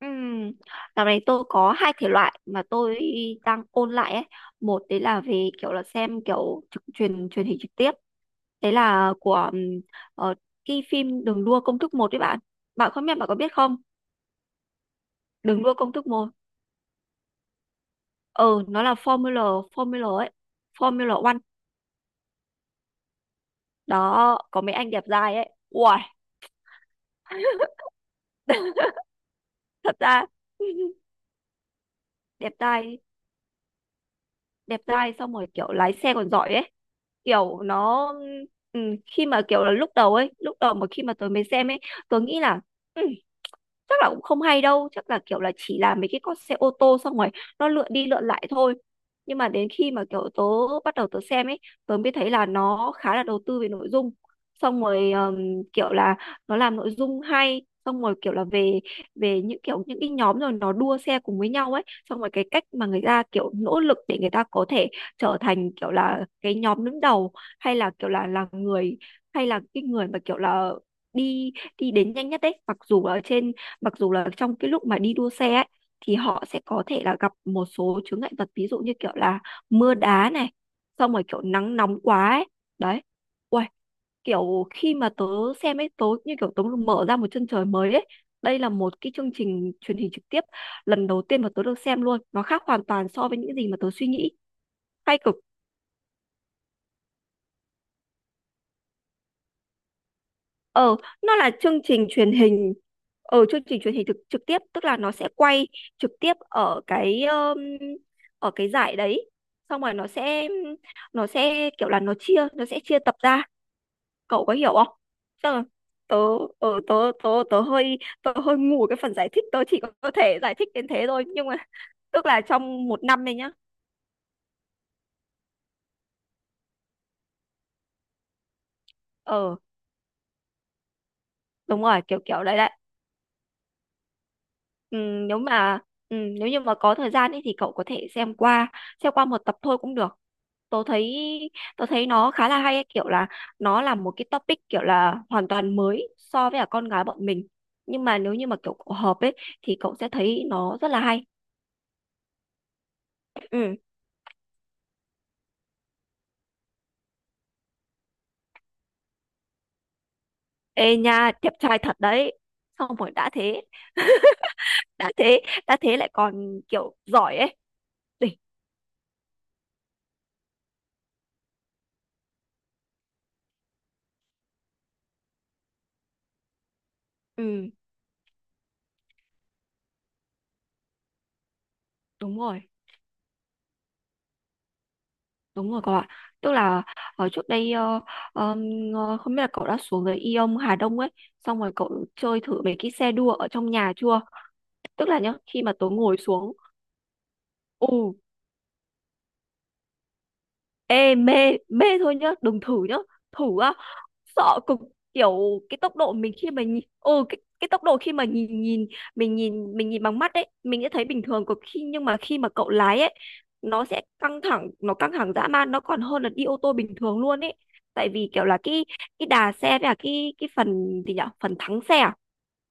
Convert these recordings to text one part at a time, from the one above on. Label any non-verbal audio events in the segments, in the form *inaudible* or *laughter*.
Ừm, Dạo này tôi có hai thể loại mà tôi đang ôn lại ấy. Một đấy là về kiểu là xem kiểu trực truyền truyền hình trực tiếp. Đấy là của ờ, cái phim Đường đua công thức một đấy bạn. Bạn không biết bạn có biết không? Đường đua công thức một. Ừ, nó là Formula Formula ấy. Formula One. Đó, có mấy anh đẹp trai ấy. Uầy, *laughs* thật ra *laughs* đẹp trai đẹp trai xong rồi kiểu lái xe còn giỏi ấy, kiểu nó ừ, khi mà kiểu là lúc đầu mà khi mà tớ mới xem ấy, tớ nghĩ là ừ, chắc là cũng không hay đâu, chắc là kiểu là chỉ là mấy cái con xe ô tô xong rồi nó lượn đi lượn lại thôi. Nhưng mà đến khi mà kiểu tớ bắt đầu tớ xem ấy, tớ mới thấy là nó khá là đầu tư về nội dung. Xong rồi kiểu là nó làm nội dung hay, xong rồi kiểu là về về những cái nhóm rồi nó đua xe cùng với nhau ấy. Xong rồi cái cách mà người ta kiểu nỗ lực để người ta có thể trở thành kiểu là cái nhóm đứng đầu, hay là kiểu là người, hay là cái người mà kiểu là đi đi đến nhanh nhất đấy, mặc dù là trong cái lúc mà đi đua xe ấy, thì họ sẽ có thể là gặp một số chướng ngại vật, ví dụ như kiểu là mưa đá này, xong rồi kiểu nắng nóng quá ấy. Đấy. Uầy, kiểu khi mà tớ xem ấy, tớ như kiểu tớ mở ra một chân trời mới ấy. Đây là một cái chương trình truyền hình trực tiếp lần đầu tiên mà tớ được xem luôn, nó khác hoàn toàn so với những gì mà tớ suy nghĩ. Hay cực. ờ nó là chương trình truyền hình, ở chương trình truyền hình trực tiếp, tức là nó sẽ quay trực tiếp ở cái giải đấy. Xong rồi nó sẽ kiểu là nó sẽ chia tập ra, cậu có hiểu không? Tức là tớ ờ, tớ tớ tớ hơi ngu ở cái phần giải thích, tớ chỉ có thể giải thích đến thế thôi, nhưng mà *laughs* tức là trong một năm này nhá. ờ Đúng rồi, kiểu kiểu đấy đấy. ừ, nếu mà Nếu như mà có thời gian ấy thì cậu có thể xem qua một tập thôi cũng được. tớ thấy Tớ thấy nó khá là hay ấy, kiểu là nó là một cái topic kiểu là hoàn toàn mới so với cả con gái bọn mình, nhưng mà nếu như mà kiểu cậu hợp ấy thì cậu sẽ thấy nó rất là hay. Ừ. Ê nha, đẹp trai thật đấy. Xong rồi đã thế, đã thế, đã thế lại còn kiểu giỏi ấy. Đỉnh. Ừ, đúng rồi, đúng rồi cậu ạ. Tức là ở trước đây ờm, không biết là cậu đã xuống dưới Ion Hà Đông ấy, xong rồi cậu chơi thử mấy cái xe đua ở trong nhà chưa. Tức là nhá, khi mà tớ ngồi xuống. Ừ. Ê, mê, mê thôi nhá, đừng thử nhá. Thử á, sợ cực. Kiểu cái tốc độ mình khi mà nhìn, cái tốc độ khi mà nhìn nhìn mình nhìn bằng mắt ấy, mình sẽ thấy bình thường cực, nhưng mà khi mà cậu lái ấy, nó căng thẳng dã man, nó còn hơn là đi ô tô bình thường luôn ấy. Tại vì kiểu là cái đà xe với cả cái phần gì nhở, phần thắng xe à?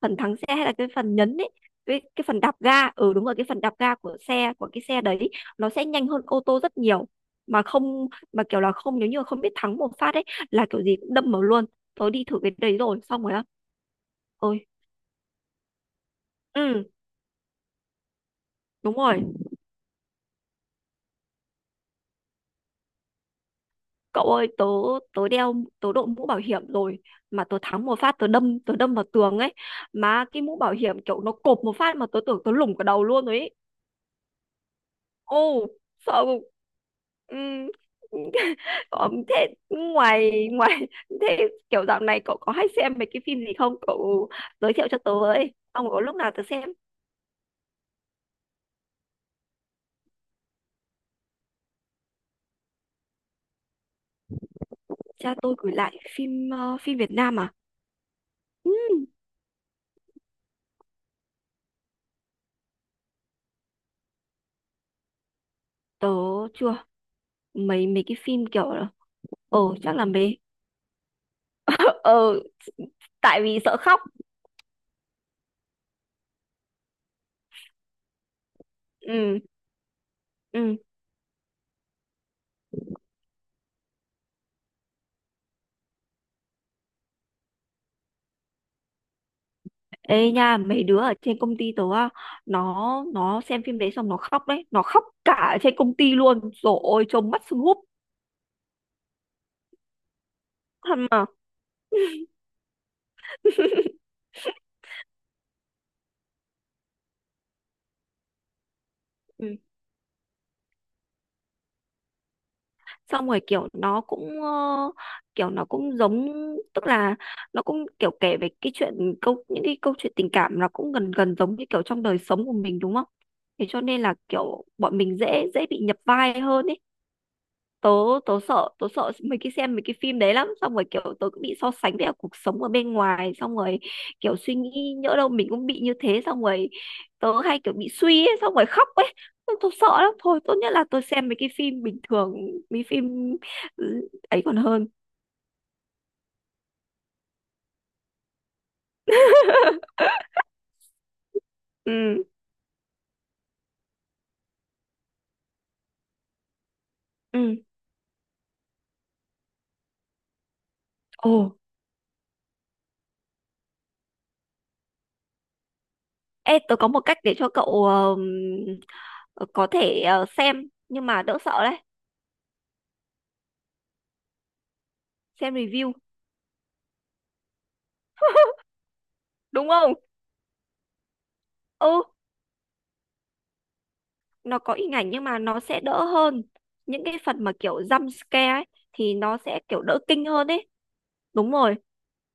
Phần thắng xe hay là cái phần nhấn ấy, cái phần đạp ga. Ừ, đúng rồi, cái phần đạp ga của của cái xe đấy, nó sẽ nhanh hơn ô tô rất nhiều, mà không mà kiểu là không nếu như mà không biết thắng một phát ấy là kiểu gì cũng đâm vào luôn. Tớ đi thử cái đấy rồi, xong rồi á. Ôi. Ừ, đúng rồi cậu ơi. Tớ tớ đeo tớ đội mũ bảo hiểm rồi, mà tớ thắng một phát, tớ đâm vào tường ấy, mà cái mũ bảo hiểm kiểu nó cộp một phát mà tớ tưởng tớ lủng cả đầu luôn rồi ấy. Ô, sợ. Ừ. Thế ngoài ngoài *laughs* thế kiểu dạo này cậu có hay xem mấy cái phim gì không? Cậu giới thiệu cho tớ với. Ông có lúc nào tớ xem. Cha tôi gửi lại phim, phim Việt Nam à? Ừ, tớ chưa. Mấy mấy cái phim kiểu là chắc là mấy, ờ tại vì sợ khóc. Ừ. Ừ. Ê nha, mấy đứa ở trên công ty tớ á, nó nó xem phim đấy xong nó khóc đấy, nó khóc cả ở trên công ty luôn. Rồi ôi, trông mắt sưng húp. Thật mà. *laughs* Ừ. Xong rồi kiểu nó cũng, kiểu nó cũng giống, tức là nó cũng kiểu kể về cái chuyện, câu những cái câu chuyện tình cảm nó cũng gần gần giống như kiểu trong đời sống của mình đúng không? Thế cho nên là kiểu bọn mình dễ dễ bị nhập vai hơn ý. Tớ tớ sợ Tớ sợ mấy cái xem mấy cái phim đấy lắm, xong rồi kiểu tớ cũng bị so sánh với cả cuộc sống ở bên ngoài, xong rồi kiểu suy nghĩ nhỡ đâu mình cũng bị như thế, xong rồi tớ hay kiểu bị suy ấy, xong rồi khóc ấy. Tớ sợ lắm, thôi tốt nhất là tớ xem mấy cái phim bình thường, mấy phim ấy còn hơn. *laughs* Ừ. Ừ. Ồ. Ê, tớ có một cách để cho cậu ờ, có thể xem nhưng mà đỡ sợ đấy. Xem review, đúng không? Ừ. Nó có hình ảnh nhưng mà nó sẽ đỡ hơn, những cái phần mà kiểu jump scare ấy thì nó sẽ kiểu đỡ kinh hơn ấy. Đúng rồi.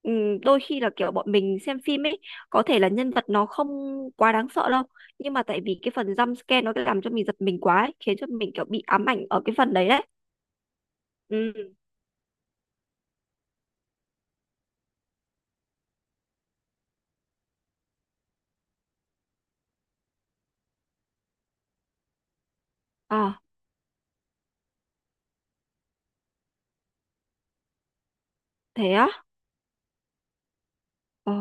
Đôi khi là kiểu bọn mình xem phim ấy, có thể là nhân vật nó không quá đáng sợ đâu, nhưng mà tại vì cái phần jump scare nó cứ làm cho mình giật mình quá ấy, khiến cho mình kiểu bị ám ảnh ở cái phần đấy đấy. Ừ. À, thế á. Ồ.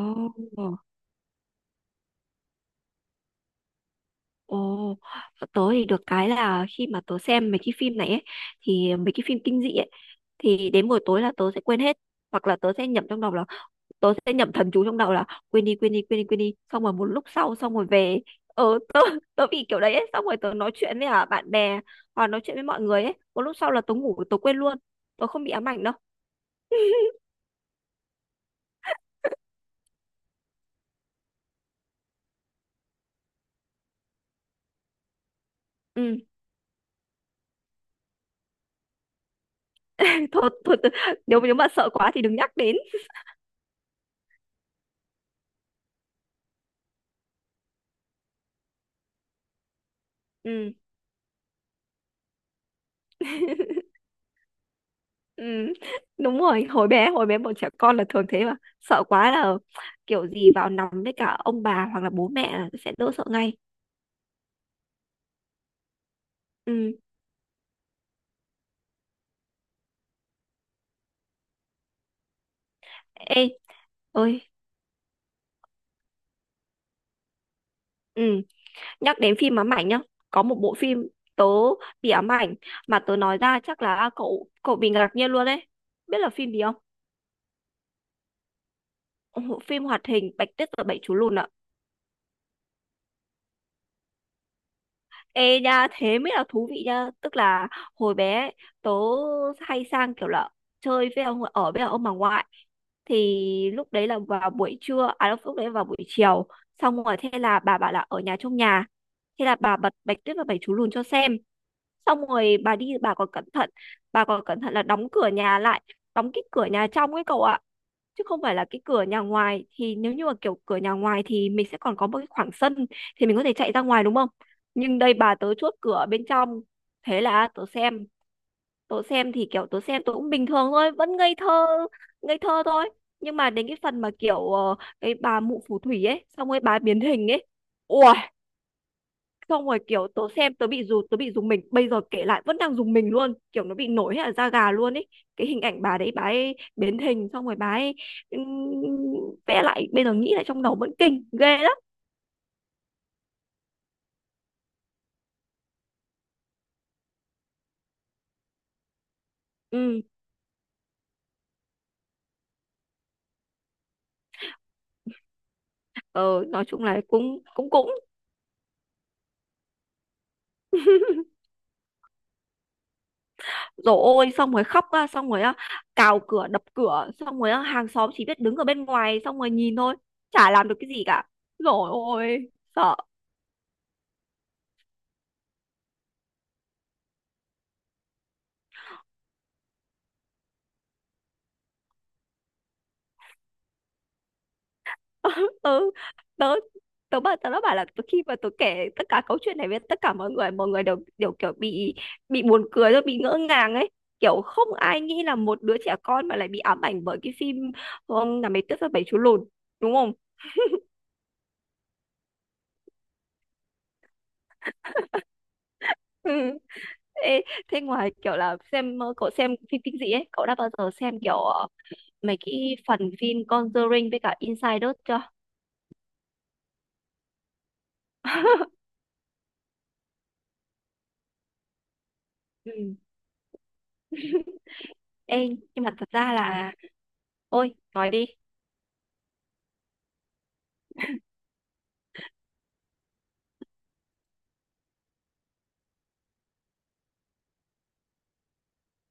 Ồ. Tớ thì được cái là khi mà tớ xem mấy cái phim này ấy, thì mấy cái phim kinh dị ấy, thì đến buổi tối là tớ sẽ quên hết. Hoặc là tớ sẽ nhẩm thầm chú trong đầu là quên đi, quên đi, quên đi, quên đi, xong rồi một lúc sau xong rồi về. Tớ *laughs* tớ bị kiểu đấy ấy. Xong rồi tớ nói chuyện với, bạn bè hoặc nói chuyện với mọi người ấy, một lúc sau là tớ ngủ, tớ quên luôn, tớ không bị ám ảnh đâu. Ừ. *laughs* Thôi thôi tớ, nếu nếu mà sợ quá thì đừng nhắc đến. Ừ. Ừ. *laughs* Đúng rồi, hồi bé bọn trẻ con là thường thế mà, sợ quá là kiểu gì vào nằm với cả ông bà hoặc là bố mẹ là sẽ đỡ sợ ngay. Ừ. Ê ơi. Ừ. Nhắc đến phim ám ảnh nhá, có một bộ phim tớ bị ám ảnh mà tớ nói ra chắc là cậu cậu bị ngạc nhiên luôn đấy. Biết là phim gì không? Ồ, phim hoạt hình Bạch Tuyết và Bảy Chú Lùn ạ. Ê nha, thế mới là thú vị nha. Tức là hồi bé ấy, tớ hay sang kiểu là chơi với ông ở với ông bà ngoại, thì lúc đấy là vào buổi trưa, à lúc lúc đấy là vào buổi chiều. Xong rồi thế là bà bảo là ở nhà, trong nhà, thế là bà bật Bạch Tuyết và Bảy Chú Lùn cho xem. Xong rồi bà đi, bà còn cẩn thận là đóng cửa nhà lại, đóng cái cửa nhà trong ấy cậu ạ, chứ không phải là cái cửa nhà ngoài. Thì nếu như mà kiểu cửa nhà ngoài thì mình sẽ còn có một cái khoảng sân, thì mình có thể chạy ra ngoài đúng không? Nhưng đây bà tớ chốt cửa bên trong. Thế là tớ xem, tớ xem thì kiểu tớ xem tớ cũng bình thường thôi, vẫn ngây thơ, ngây thơ thôi. Nhưng mà đến cái phần mà kiểu cái bà mụ phù thủy ấy xong rồi bà biến hình ấy. Ui. Xong rồi kiểu tớ xem, tớ bị rùng mình, bây giờ kể lại vẫn đang rùng mình luôn, kiểu nó bị nổi hết ở da gà luôn ấy. Cái hình ảnh bà đấy, bà ấy biến hình xong rồi bà ấy ừm, vẽ lại, bây giờ nghĩ lại trong đầu vẫn kinh ghê lắm. Ừ. Ờ, nói chung là cũng cũng cũng rồi ôi, xong rồi khóc á, xong rồi á, cào cửa đập cửa xong rồi á, hàng xóm chỉ biết đứng ở bên ngoài xong rồi nhìn thôi, chả làm được cái gì cả. Rồi ôi, sợ. *laughs* Ừ. tớ tớ bảo Tớ đã bảo là khi mà tớ kể tất cả câu chuyện này với tất cả mọi người, mọi người đều đều kiểu bị buồn cười rồi bị ngỡ ngàng ấy, kiểu không ai nghĩ là một đứa trẻ con mà lại bị ám ảnh bởi cái phim ông là mấy tuyết và bảy chú lùn đúng không? *laughs* Ừ. Ê, thế ngoài kiểu là xem, cậu xem phim kinh dị ấy cậu đã bao giờ xem kiểu mấy cái phần phim Conjuring với cả Insider chưa? *laughs* Ừ. Ê, nhưng mà thật ra là, ôi nói đi.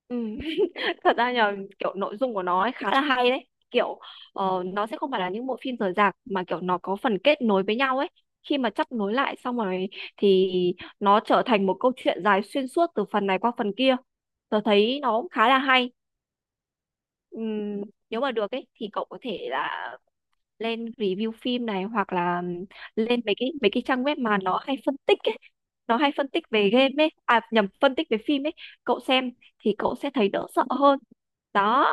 Ừ. Thật ra là kiểu nội dung của nó ấy khá là hay đấy, kiểu nó sẽ không phải là những bộ phim rời rạc mà kiểu nó có phần kết nối với nhau ấy. Khi mà chắp nối lại xong rồi thì nó trở thành một câu chuyện dài xuyên suốt từ phần này qua phần kia, tớ thấy nó cũng khá là hay. Ừm, Nếu mà được ấy thì cậu có thể là lên review phim này, hoặc là lên mấy cái trang web mà nó hay phân tích ấy, nó hay phân tích về game ấy, à nhầm, phân tích về phim ấy, cậu xem thì cậu sẽ thấy đỡ sợ hơn. Đó.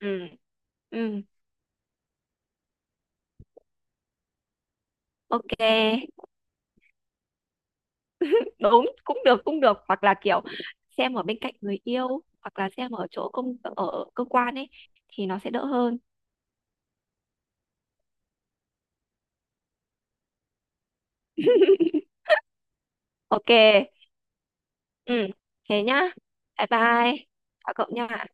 Ừ. Ừ. Ok. Đúng, cũng được, cũng được, hoặc là kiểu xem ở bên cạnh người yêu, hoặc là xem ở chỗ ở cơ quan ấy thì nó sẽ đỡ hơn. Ok. Ừ. Thế nhá, bye bye. Chào cậu nha.